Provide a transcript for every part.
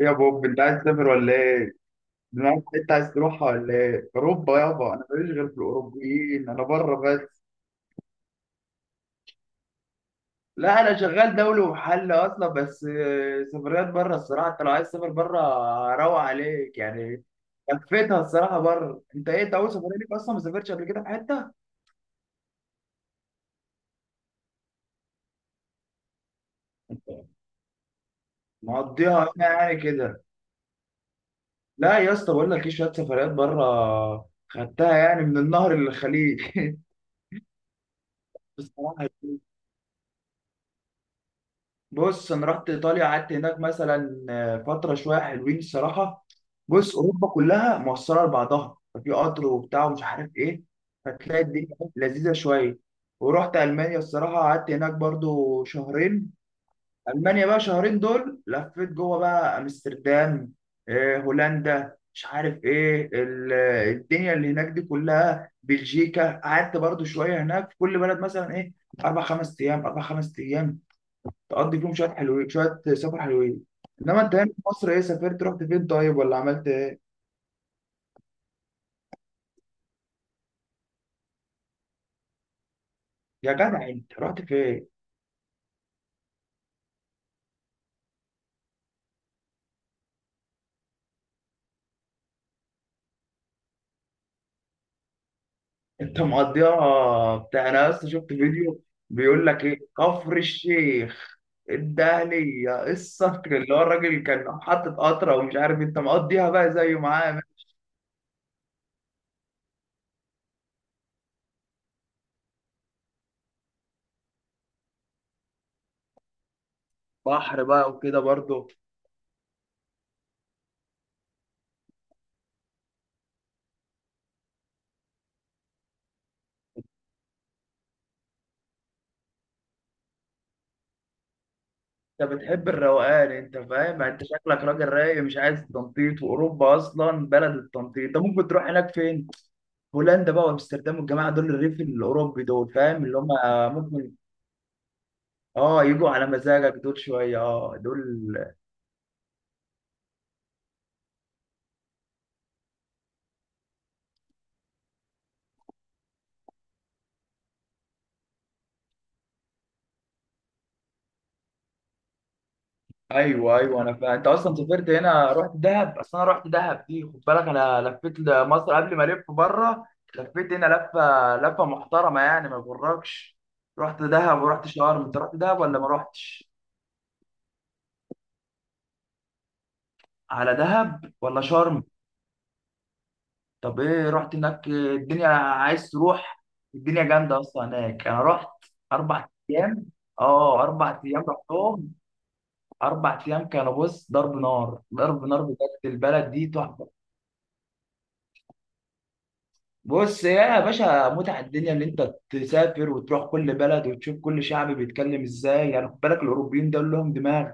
إيه يا بوب انت عايز تسافر ولا ايه؟ دماغك انت عايز تروحها ولا ايه؟ اوروبا يابا انا ماليش غير في الاوروبيين انا بره بس. لا انا شغال دولي ومحل اصلا بس سفريات بره الصراحه انت لو عايز تسافر بره روق عليك يعني. لفيتها الصراحه بره، انت ايه انت اول سفريه ليك اصلا ما سافرتش قبل كده في حته؟ انت مقضيها هنا يعني كده. لا يا اسطى، بقول لك ايه، شويه سفريات بره خدتها يعني من النهر للخليج بصراحه بص انا رحت ايطاليا قعدت هناك مثلا فتره شويه حلوين الصراحه. بص اوروبا كلها موصله لبعضها ففي قطر وبتاع ومش عارف ايه، فتلاقي الدنيا لذيذه شويه. ورحت المانيا الصراحه قعدت هناك برضو شهرين. المانيا بقى شهرين دول لفيت جوه بقى امستردام، هولندا مش عارف ايه الدنيا اللي هناك دي كلها، بلجيكا قعدت برضو شويه هناك، في كل بلد مثلا ايه، اربع خمس ايام اربع خمس ايام تقضي فيهم شويه حلوين، شويه سفر حلوين. انما انت هنا في مصر ايه سافرت، رحت فين طيب ولا عملت ايه؟ يا جدع انت رحت فين؟ انت مقضيها بتاع، انا اصلا شفت فيديو بيقول لك ايه كفر الشيخ، الدهلية الصقر اللي هو الراجل كان حاطط قطرة ومش عارف، انت مقضيها بقى زيه معاه؟ بحر بقى وكده برضه. انت بتحب الروقان انت، فاهم يعني انت شكلك راجل رايق مش عايز تنطيط، واوروبا اصلا بلد التنطيط، انت ممكن تروح هناك فين؟ هولندا بقى وامستردام والجماعه دول، الريف الاوروبي دول، فاهم اللي هم ممكن اه يجوا على مزاجك دول، شويه اه دول. ايوه ايوه انا فاهم، انت اصلا سافرت هنا رحت دهب، اصل انا رحت دهب دي، خد بالك انا لفيت مصر قبل ما الف بره، لفيت هنا لفه لفه محترمه يعني ما يغركش. رحت دهب ورحت شرم، انت رحت دهب ولا ما رحتش؟ على دهب ولا شرم؟ طب ايه رحت هناك، الدنيا عايز تروح، الدنيا جامده اصلا هناك، انا رحت اربع ايام. اه اربع ايام رحتهم. اربع ايام كانوا، بص ضرب نار ضرب نار بجد، البلد دي تحفه. بص يا باشا، متعه الدنيا ان انت تسافر وتروح كل بلد وتشوف كل شعب بيتكلم ازاي، يعني خد بالك الاوروبيين دول لهم دماغ،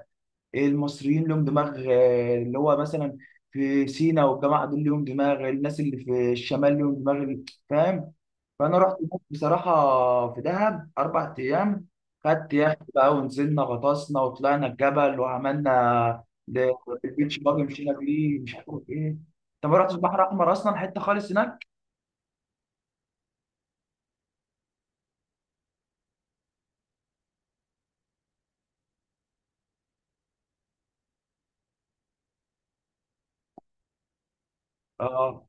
المصريين لهم دماغ، اللي هو مثلا في سينا والجماعه دول لهم دماغ، الناس اللي في الشمال لهم دماغ، فاهم؟ فانا رحت هناك بصراحه في دهب اربع ايام، خدت يخت بقى ونزلنا غطسنا وطلعنا الجبل وعملنا البيتش باجي مشينا بيه مش عارف ايه، انت ما رحتش البحر الاحمر اصلا، حته خالص هناك. اه.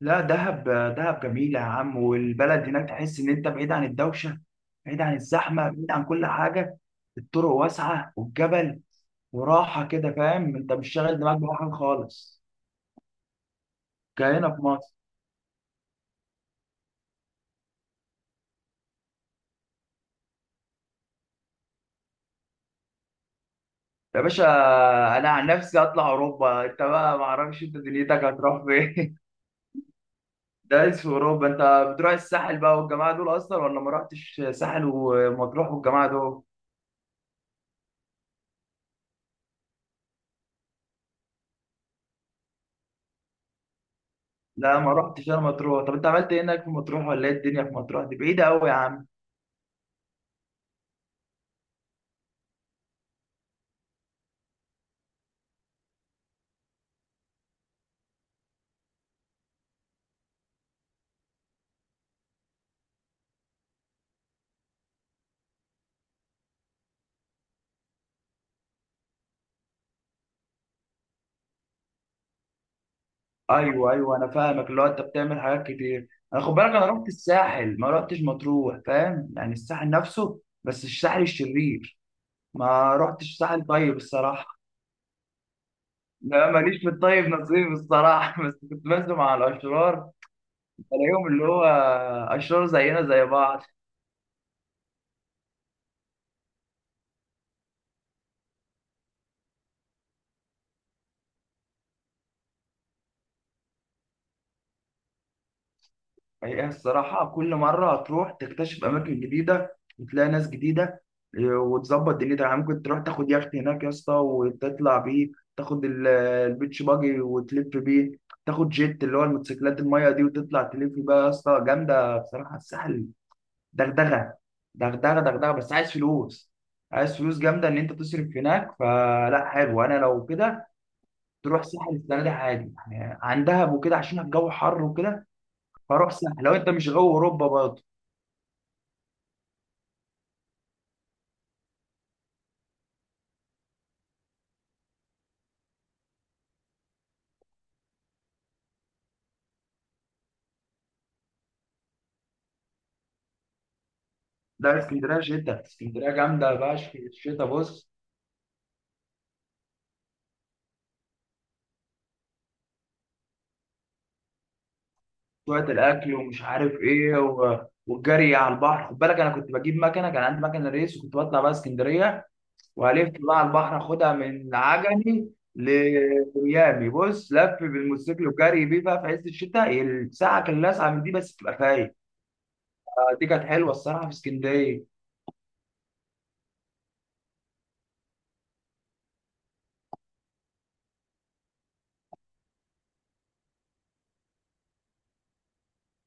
لا دهب. دهب جميلة يا عم، والبلد هناك تحس إن أنت بعيد عن الدوشة، بعيد عن الزحمة، بعيد عن كل حاجة. الطرق واسعة، والجبل وراحة كده، فاهم أنت مش شاغل دماغك بأي حاجة خالص، كهنا في مصر. يا باشا أنا عن نفسي أطلع أوروبا، أنت بقى معرفش أنت دنيتك هتروح فين. دايس في أوروبا. أنت بتروح الساحل بقى والجماعة دول أصلا ولا ما رحتش ساحل ومطروح والجماعة دول؟ لا ما رحتش أنا مطروح، طب أنت عملت إيه هناك في مطروح، ولا إيه الدنيا في مطروح؟ دي بعيدة أوي يا عم. ايوه ايوه انا فاهمك، اللي هو انت بتعمل حاجات كتير. انا خد بالك، انا رحت الساحل ما رحتش مطروح، فاهم يعني الساحل نفسه، بس الساحل الشرير. ما رحتش ساحل طيب الصراحه. لا ماليش في الطيب نصيب الصراحه بس كنت بنزل مع الاشرار، بلاقيهم اللي هو اشرار زينا زي بعض. هي الصراحة كل مرة هتروح تكتشف أماكن جديدة، وتلاقي ناس جديدة، إيه، وتظبط دنيتك، يعني ممكن تروح تاخد يخت هناك يا اسطى وتطلع بيه، تاخد البيتش باجي وتلف بيه، تاخد جيت اللي هو الموتوسيكلات المية دي وتطلع تلف بقى، يا اسطى جامدة بصراحة الساحل، دغدغة دغدغة دغدغة، بس عايز فلوس، عايز فلوس جامدة إن أنت تصرف هناك. فلا حلو أنا لو كده تروح ساحل السنة دي عادي، يعني عن دهب وكده عشان الجو حر وكده. فروح ساحل لو أنت مش جو أوروبا برضه. لا اسكندريه شتا، اسكندريه جامده باش في الشتا، بص بتوعة الاكل ومش عارف ايه، و... والجري على البحر، خد بالك انا كنت بجيب مكنه، كان عندي مكنه ريس، وكنت بطلع بقى اسكندريه والف بقى على البحر، اخدها من عجمي لميامي، بص لف بالموتوسيكل وجري بيه بقى في عز الشتاء، الساعه كان لاسعه من دي، بس تبقى فايق. دي كانت حلوه الصراحه في اسكندريه.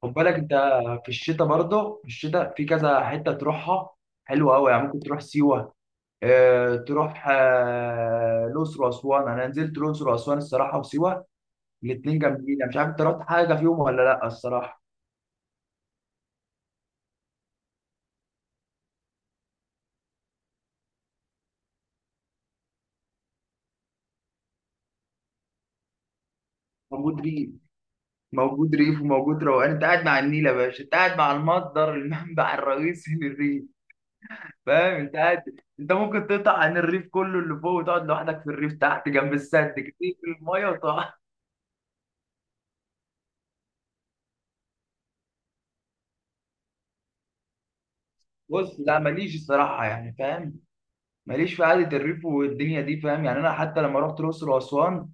خد بالك انت في الشتاء برضه، في الشتاء في كذا حته تروحها حلوه قوي، يعني ممكن تروح سيوه، تروح الأقصر وأسوان. أنا نزلت الأقصر وأسوان الصراحة وسيوة، الاتنين جامدين، أنا مش عارف أنت رحت حاجة فيهم ولا لأ الصراحة. موجود ريف، موجود ريف وموجود روقان، أنت قاعد مع النيل يا باشا، أنت قاعد مع المصدر، المنبع الرئيسي للريف، فاهم أنت قاعد، أنت ممكن تقطع عن الريف كله اللي فوق وتقعد لوحدك في الريف تحت جنب السد، كتير في المية وتقعد. بص لا ماليش الصراحة يعني فاهم، ماليش في قعدة الريف والدنيا دي، فاهم يعني أنا حتى لما رحت الأقصر وأسوان،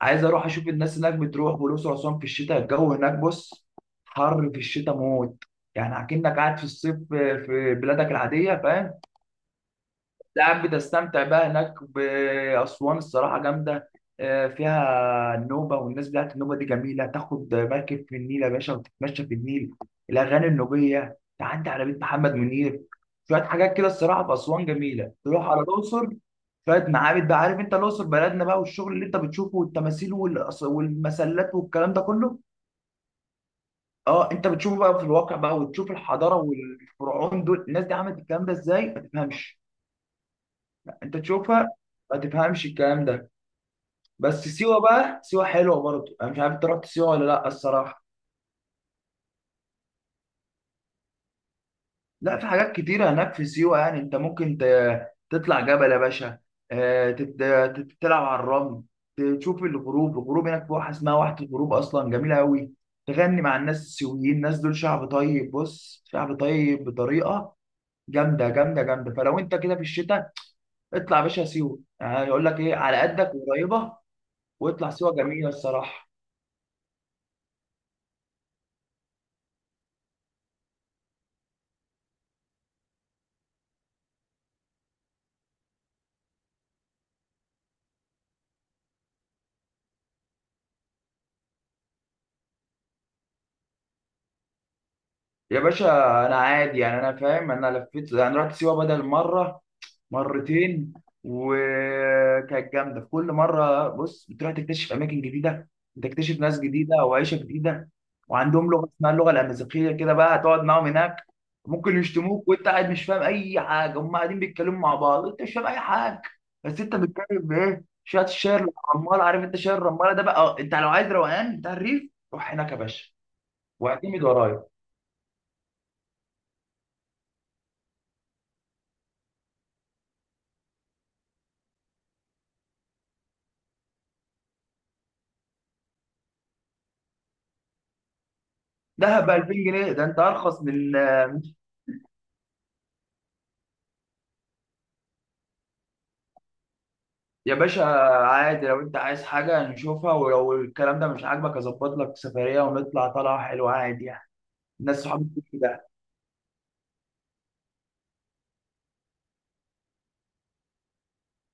عايز اروح اشوف الناس هناك بتروح، والاقصر واسوان في الشتاء الجو هناك، بص حر في الشتاء موت، يعني اكنك قاعد في الصيف في بلادك العاديه فاهم. لا يا عم بتستمتع بقى هناك، بأسوان الصراحة جامدة، فيها النوبة والناس بتاعت النوبة دي جميلة، تاخد مركب في النيل يا باشا وتتمشى في النيل، الأغاني النوبية تعدي على بيت محمد منير، شوية حاجات كده الصراحة في أسوان جميلة. تروح على الأقصر شوية معابد بقى، عارف أنت الأقصر بلدنا بقى، والشغل اللي أنت بتشوفه والتماثيل والمسلات والكلام ده كله. أه أنت بتشوفه بقى في الواقع بقى، وتشوف الحضارة والفرعون دول، الناس دي عملت الكلام ده إزاي ما تفهمش، انت تشوفها ما تفهمش الكلام ده. بس سيوه بقى، سيوه حلوه برضه، انا مش عارف انت رحت سيوه ولا لا الصراحه. لا في حاجات كتيره هناك في سيوه، يعني انت ممكن تطلع جبل يا باشا، آه، تت- تلعب على الرمل، تشوف الغروب، الغروب هناك في واحه اسمها واحه الغروب اصلا جميله قوي، تغني مع الناس السيويين، الناس دول شعب طيب، بص شعب طيب بطريقه جامده جامده جامده. فلو انت كده في الشتاء اطلع يا باشا سيوه، يعني يقول لك ايه على قدك وقريبه، واطلع سيوه جميله الصراحه. يا باشا انا عادي يعني انا فاهم انا لفيت يعني رحت سيوه بدل مره مرتين وكانت جامده في كل مره بص بتروح تكتشف اماكن جديده بتكتشف ناس جديده وعيشه جديده وعندهم لغه اسمها اللغه الامازيغيه كده بقى هتقعد معاهم هناك ممكن يشتموك وانت قاعد مش فاهم اي حاجه هم قاعدين بيتكلموا مع بعض انت مش فاهم اي حاجه بس انت بتتكلم بايه شويه الشعر الرمال عارف انت شعر الرماله ده بقى أه، انت لو عايز روقان بتاع الريف روح هناك يا باشا واعتمد ورايا دهب ب 2000 جنيه ده؟ انت ارخص من. يا باشا عادي لو انت عايز حاجه نشوفها، ولو الكلام ده مش عاجبك اظبط لك سفريه ونطلع طلعه حلوه عادي يعني، الناس صحابي كتير، ده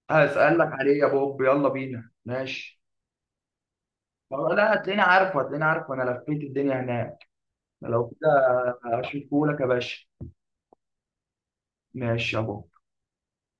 هسألك عليه يا بوب يلا بينا ماشي. طب لا هتلاقيني عارفه، هتلاقيني عارفه، انا لفيت الدنيا هناك، لو كده اشوفهولك يا باشا. ماشي يا بوب.